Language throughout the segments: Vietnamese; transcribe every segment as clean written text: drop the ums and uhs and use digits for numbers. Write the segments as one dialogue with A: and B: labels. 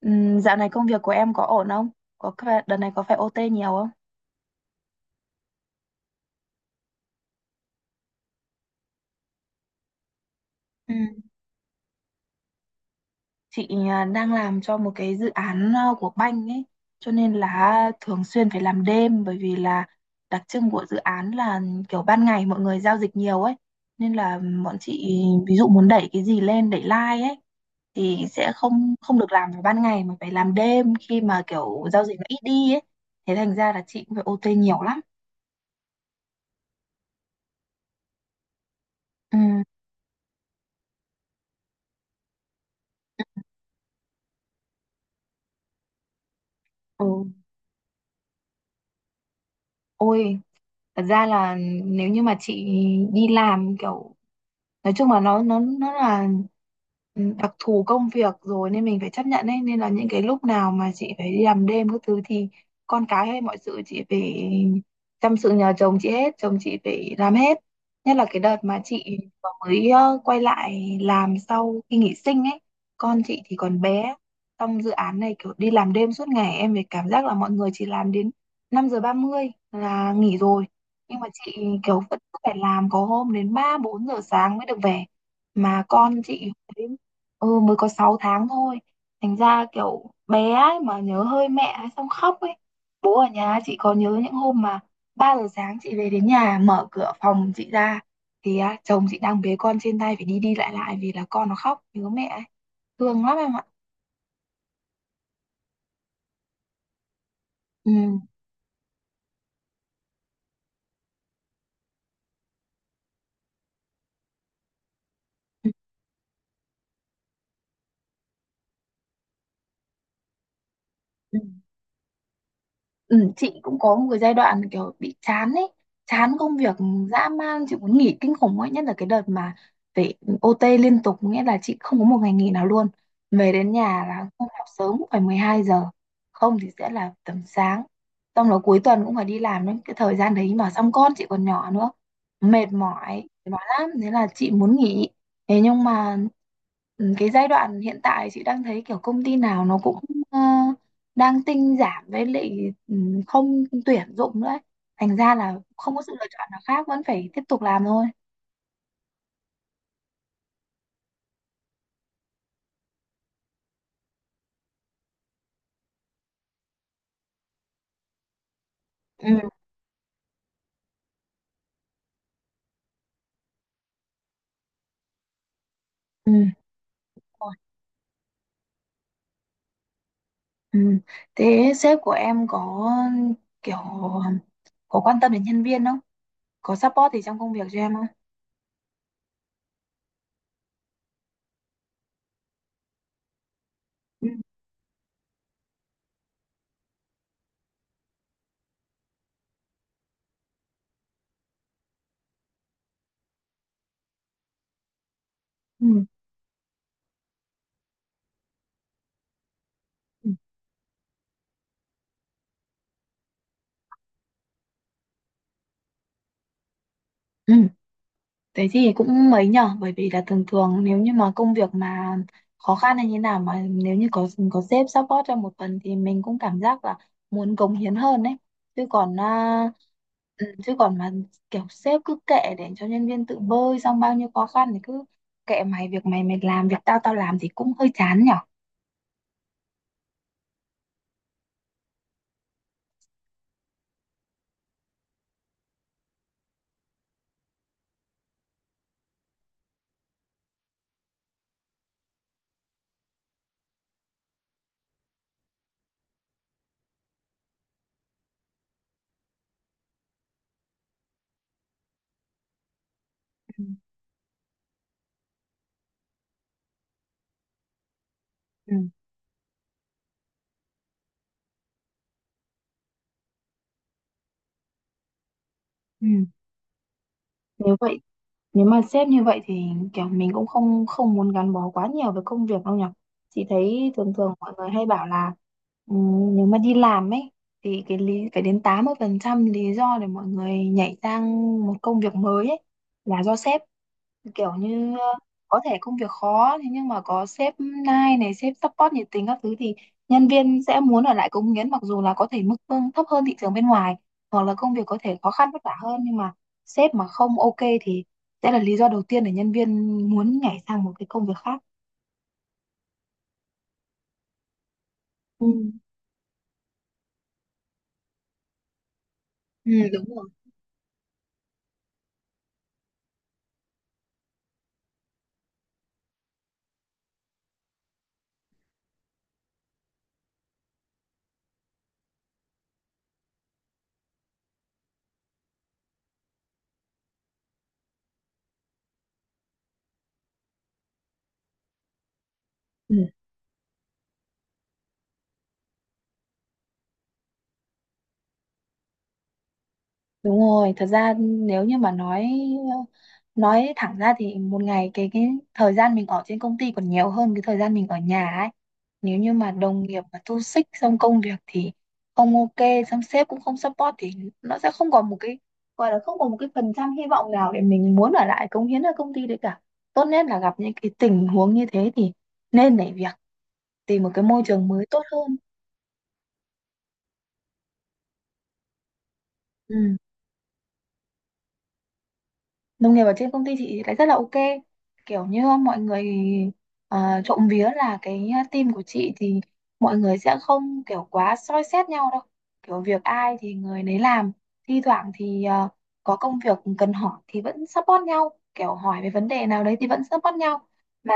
A: Dạo này công việc của em có ổn không? Đợt này có phải OT nhiều không? Ừ. Chị đang làm cho một cái dự án của banh ấy, cho nên là thường xuyên phải làm đêm, bởi vì là đặc trưng của dự án là kiểu ban ngày mọi người giao dịch nhiều ấy, nên là bọn chị ví dụ muốn đẩy cái gì lên, đẩy like ấy thì sẽ không không được làm vào ban ngày mà phải làm đêm khi mà kiểu giao dịch nó ít đi ấy. Thế thành ra là chị cũng phải OT nhiều lắm. Ừ. Ừ. Ôi, thật ra là nếu như mà chị đi làm kiểu, nói chung là nó là đặc thù công việc rồi nên mình phải chấp nhận ấy, nên là những cái lúc nào mà chị phải đi làm đêm các thứ thì con cái hay mọi sự chị phải chăm, sự nhờ chồng chị hết, chồng chị phải làm hết. Nhất là cái đợt mà chị vừa mới quay lại làm sau khi nghỉ sinh ấy, con chị thì còn bé, trong dự án này kiểu đi làm đêm suốt ngày, em phải cảm giác là mọi người chỉ làm đến 5:30 là nghỉ rồi, nhưng mà chị kiểu vẫn cứ phải làm, có hôm đến ba bốn giờ sáng mới được về, mà con chị đến, mới có 6 tháng thôi, thành ra kiểu bé ấy mà nhớ hơi mẹ ấy, xong khóc ấy, bố ở nhà. Chị có nhớ những hôm mà 3 giờ sáng chị về đến nhà, mở cửa phòng chị ra thì á, chồng chị đang bế con trên tay phải đi đi lại lại vì là con nó khóc nhớ mẹ ấy. Thương lắm em ạ. Ừ. Ừ. Ừ. Ừ, chị cũng có một cái giai đoạn kiểu bị chán ấy, chán công việc dã man, chị muốn nghỉ kinh khủng ấy, nhất là cái đợt mà phải OT liên tục, nghĩa là chị không có một ngày nghỉ nào luôn, về đến nhà là không học sớm cũng phải 12 giờ, không thì sẽ là tầm sáng, xong là cuối tuần cũng phải đi làm đến cái thời gian đấy, mà xong con chị còn nhỏ nữa, mệt mỏi lắm. Thế là chị muốn nghỉ, thế nhưng mà cái giai đoạn hiện tại chị đang thấy kiểu công ty nào nó cũng ờ, đang tinh giảm, với lại ừ, không tuyển dụng nữa ấy. Thành ra là không có sự lựa chọn nào khác, vẫn phải tiếp tục làm thôi. Ừ. Ừ. Ôi, ừ thế sếp của em có kiểu, có quan tâm đến nhân viên không? Có support gì trong công việc cho em không? Ừ. Ừ. Ừ. Thế thì cũng mấy nhở, bởi vì là thường thường nếu như mà công việc mà khó khăn hay như nào, mà nếu như có sếp support cho một phần thì mình cũng cảm giác là muốn cống hiến hơn đấy. Chứ còn à, chứ còn mà kiểu sếp cứ kệ để cho nhân viên tự bơi, xong bao nhiêu khó khăn thì cứ kệ mày việc mày mày làm, việc tao tao làm, thì cũng hơi chán nhở. Ừ. Ừ. Ừ. Nếu vậy Nếu mà sếp như vậy thì kiểu mình cũng không không muốn gắn bó quá nhiều với công việc đâu nhỉ. Chị thấy thường thường mọi người hay bảo là, nếu mà đi làm ấy thì cái lý phải đến 80% lý do để mọi người nhảy sang một công việc mới ấy là do sếp. Kiểu như có thể công việc khó thế nhưng mà có sếp nai này, sếp support nhiệt tình các thứ thì nhân viên sẽ muốn ở lại cống hiến, mặc dù là có thể mức lương thấp hơn thị trường bên ngoài hoặc là công việc có thể khó khăn vất vả hơn, nhưng mà sếp mà không ok thì sẽ là lý do đầu tiên để nhân viên muốn nhảy sang một cái công việc khác. Ừ. Ừ, đúng rồi. Ừ, đúng rồi, thật ra nếu như mà nói thẳng ra thì một ngày cái thời gian mình ở trên công ty còn nhiều hơn cái thời gian mình ở nhà ấy. Nếu như mà đồng nghiệp mà toxic xích, xong công việc thì không ok, xong sếp cũng không support thì nó sẽ không còn một cái, gọi là không còn một cái phần trăm hy vọng nào để mình muốn ở lại cống hiến ở công ty đấy cả. Tốt nhất là gặp những cái tình huống như thế thì nên nhảy việc, tìm một cái môi trường mới tốt hơn. Ừ. Đồng nghiệp ở trên công ty chị thì lại rất là ok, kiểu như mọi người, uh, trộm vía là cái team của chị thì mọi người sẽ không kiểu quá soi xét nhau đâu, kiểu việc ai thì người nấy làm, thi thoảng thì có công việc cần hỏi thì vẫn support nhau, kiểu hỏi về vấn đề nào đấy thì vẫn support nhau, mà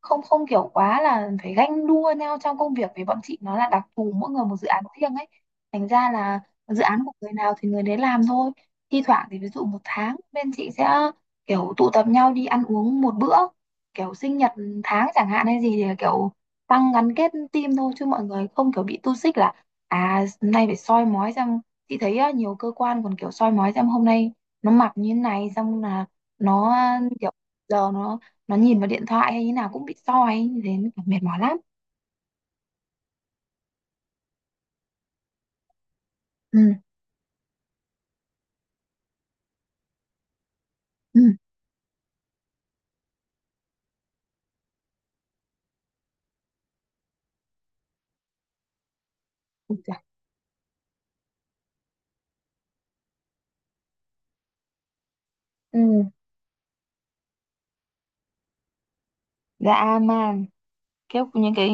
A: không không kiểu quá là phải ganh đua nhau trong công việc, vì bọn chị nó là đặc thù mỗi người một dự án riêng ấy, thành ra là dự án của người nào thì người đấy làm thôi. Thi thoảng thì ví dụ một tháng bên chị sẽ kiểu tụ tập nhau đi ăn uống một bữa, kiểu sinh nhật tháng chẳng hạn hay gì thì là kiểu tăng gắn kết team thôi, chứ mọi người không kiểu bị tu xích là à hôm nay phải soi mói xem. Chị thấy á, nhiều cơ quan còn kiểu soi mói xem hôm nay nó mặc như thế này, xong là nó kiểu giờ nó nhìn vào điện thoại hay như nào cũng bị soi như thế, mệt mỏi lắm. Ừ. Ừ. Ừ, trời. Ừ, dã man. Kiểu những cái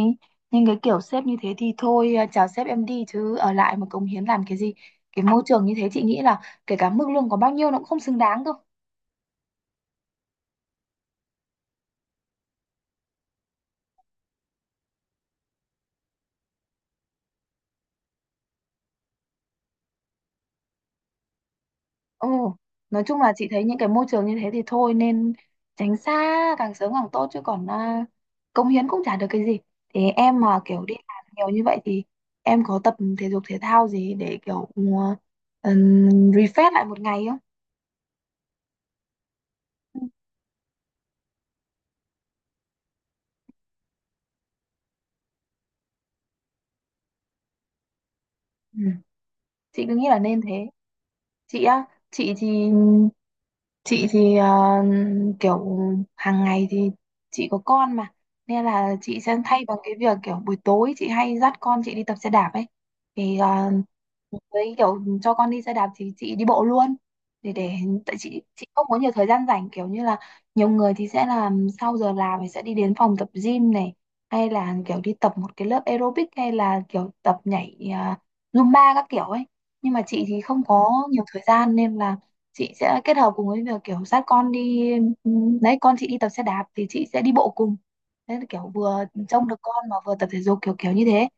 A: những cái kiểu sếp như thế thì thôi chào sếp em đi, chứ ở lại mà cống hiến làm cái gì. Cái môi trường như thế chị nghĩ là kể cả mức lương có bao nhiêu nó cũng không xứng đáng đâu. Ồ, nói chung là chị thấy những cái môi trường như thế thì thôi, nên tránh xa càng sớm càng tốt, chứ còn cống hiến cũng chả được cái gì. Thì em mà kiểu đi làm nhiều như vậy thì em có tập thể dục thể thao gì để kiểu, refresh lại một ngày không? Ừ, chị cứ nghĩ là nên thế. Chị á, chị thì chị thì kiểu hàng ngày thì chị có con mà, nên là chị sẽ thay bằng cái việc kiểu buổi tối chị hay dắt con chị đi tập xe đạp ấy. Thì với kiểu cho con đi xe đạp thì chị đi bộ luôn, để tại chị không có nhiều thời gian rảnh, kiểu như là nhiều người thì sẽ làm sau giờ làm thì sẽ đi đến phòng tập gym này, hay là kiểu đi tập một cái lớp aerobic, hay là kiểu tập nhảy Zumba các kiểu ấy, nhưng mà chị thì không có nhiều thời gian nên là chị sẽ kết hợp cùng với việc kiểu dắt con đi, đấy, con chị đi tập xe đạp thì chị sẽ đi bộ cùng. Thế là kiểu vừa trông được con mà vừa tập thể dục, kiểu kiểu như thế.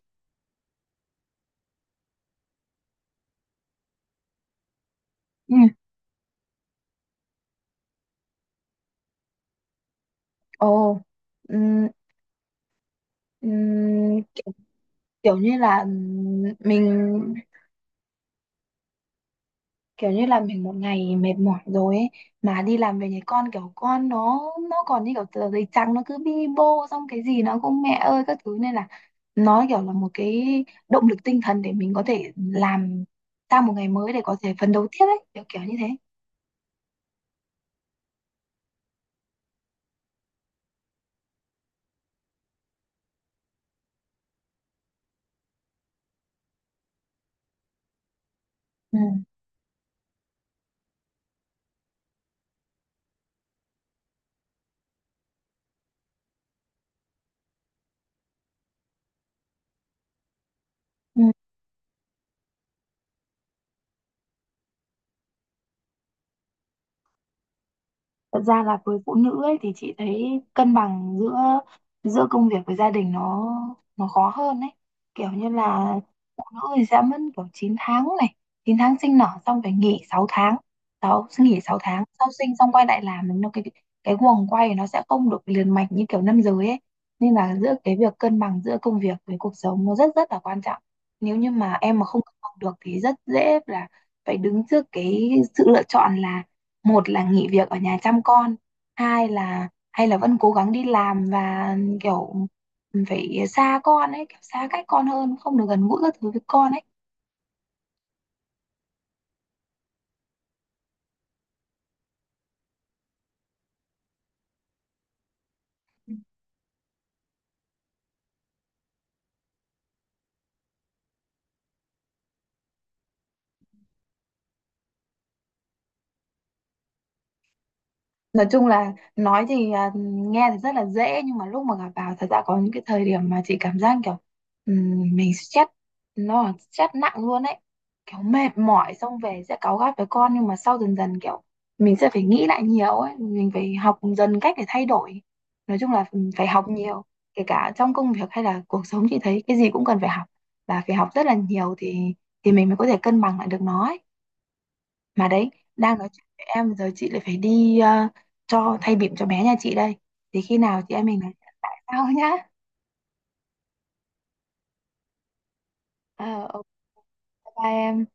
A: Ừ. Ồ. ừ, Ừm, Kiểu, kiểu như là, mình, kiểu như là mình một ngày mệt mỏi rồi ấy, mà đi làm về thì con kiểu, con nó còn như kiểu tờ giấy trắng, nó cứ bi bô, xong cái gì nó cũng mẹ ơi các thứ, nên là nó kiểu là một cái động lực tinh thần để mình có thể làm sang một ngày mới, để có thể phấn đấu tiếp ấy, kiểu kiểu như thế. Ừ. Ừ. Thật ra là với phụ nữ ấy thì chị thấy cân bằng giữa giữa công việc với gia đình nó, khó hơn ấy. Kiểu như là phụ nữ thì sẽ mất kiểu 9 tháng này, 9 tháng sinh nở, xong phải nghỉ 6 tháng, 6 nghỉ 6 tháng, sau sinh xong quay lại làm nó, cái guồng quay nó sẽ không được liền mạch như kiểu nam giới ấy. Nên là giữa cái việc cân bằng giữa công việc với cuộc sống nó rất rất là quan trọng. Nếu như mà em mà không cân bằng được thì rất dễ là phải đứng trước cái sự lựa chọn là một là nghỉ việc ở nhà chăm con, hai là hay là vẫn cố gắng đi làm và kiểu phải xa con ấy, kiểu xa cách con hơn, không được gần gũi các thứ với con ấy. Nói chung là nói thì nghe thì rất là dễ, nhưng mà lúc mà gặp vào thật ra có những cái thời điểm mà chị cảm giác kiểu, mình stress, nó là stress nặng luôn ấy, kiểu mệt mỏi xong về sẽ cáu gắt với con, nhưng mà sau dần dần kiểu mình sẽ phải nghĩ lại nhiều ấy, mình phải học dần cách để thay đổi. Nói chung là phải học nhiều, kể cả trong công việc hay là cuộc sống, chị thấy cái gì cũng cần phải học, và phải học rất là nhiều thì mình mới có thể cân bằng lại được nó ấy. Mà đấy, đang nói chuyện với em giờ chị lại phải đi, cho thay bỉm cho bé nhà chị đây. Thì khi nào chị em mình nói chuyện lại sau nhá. Ờ, ok, bye em.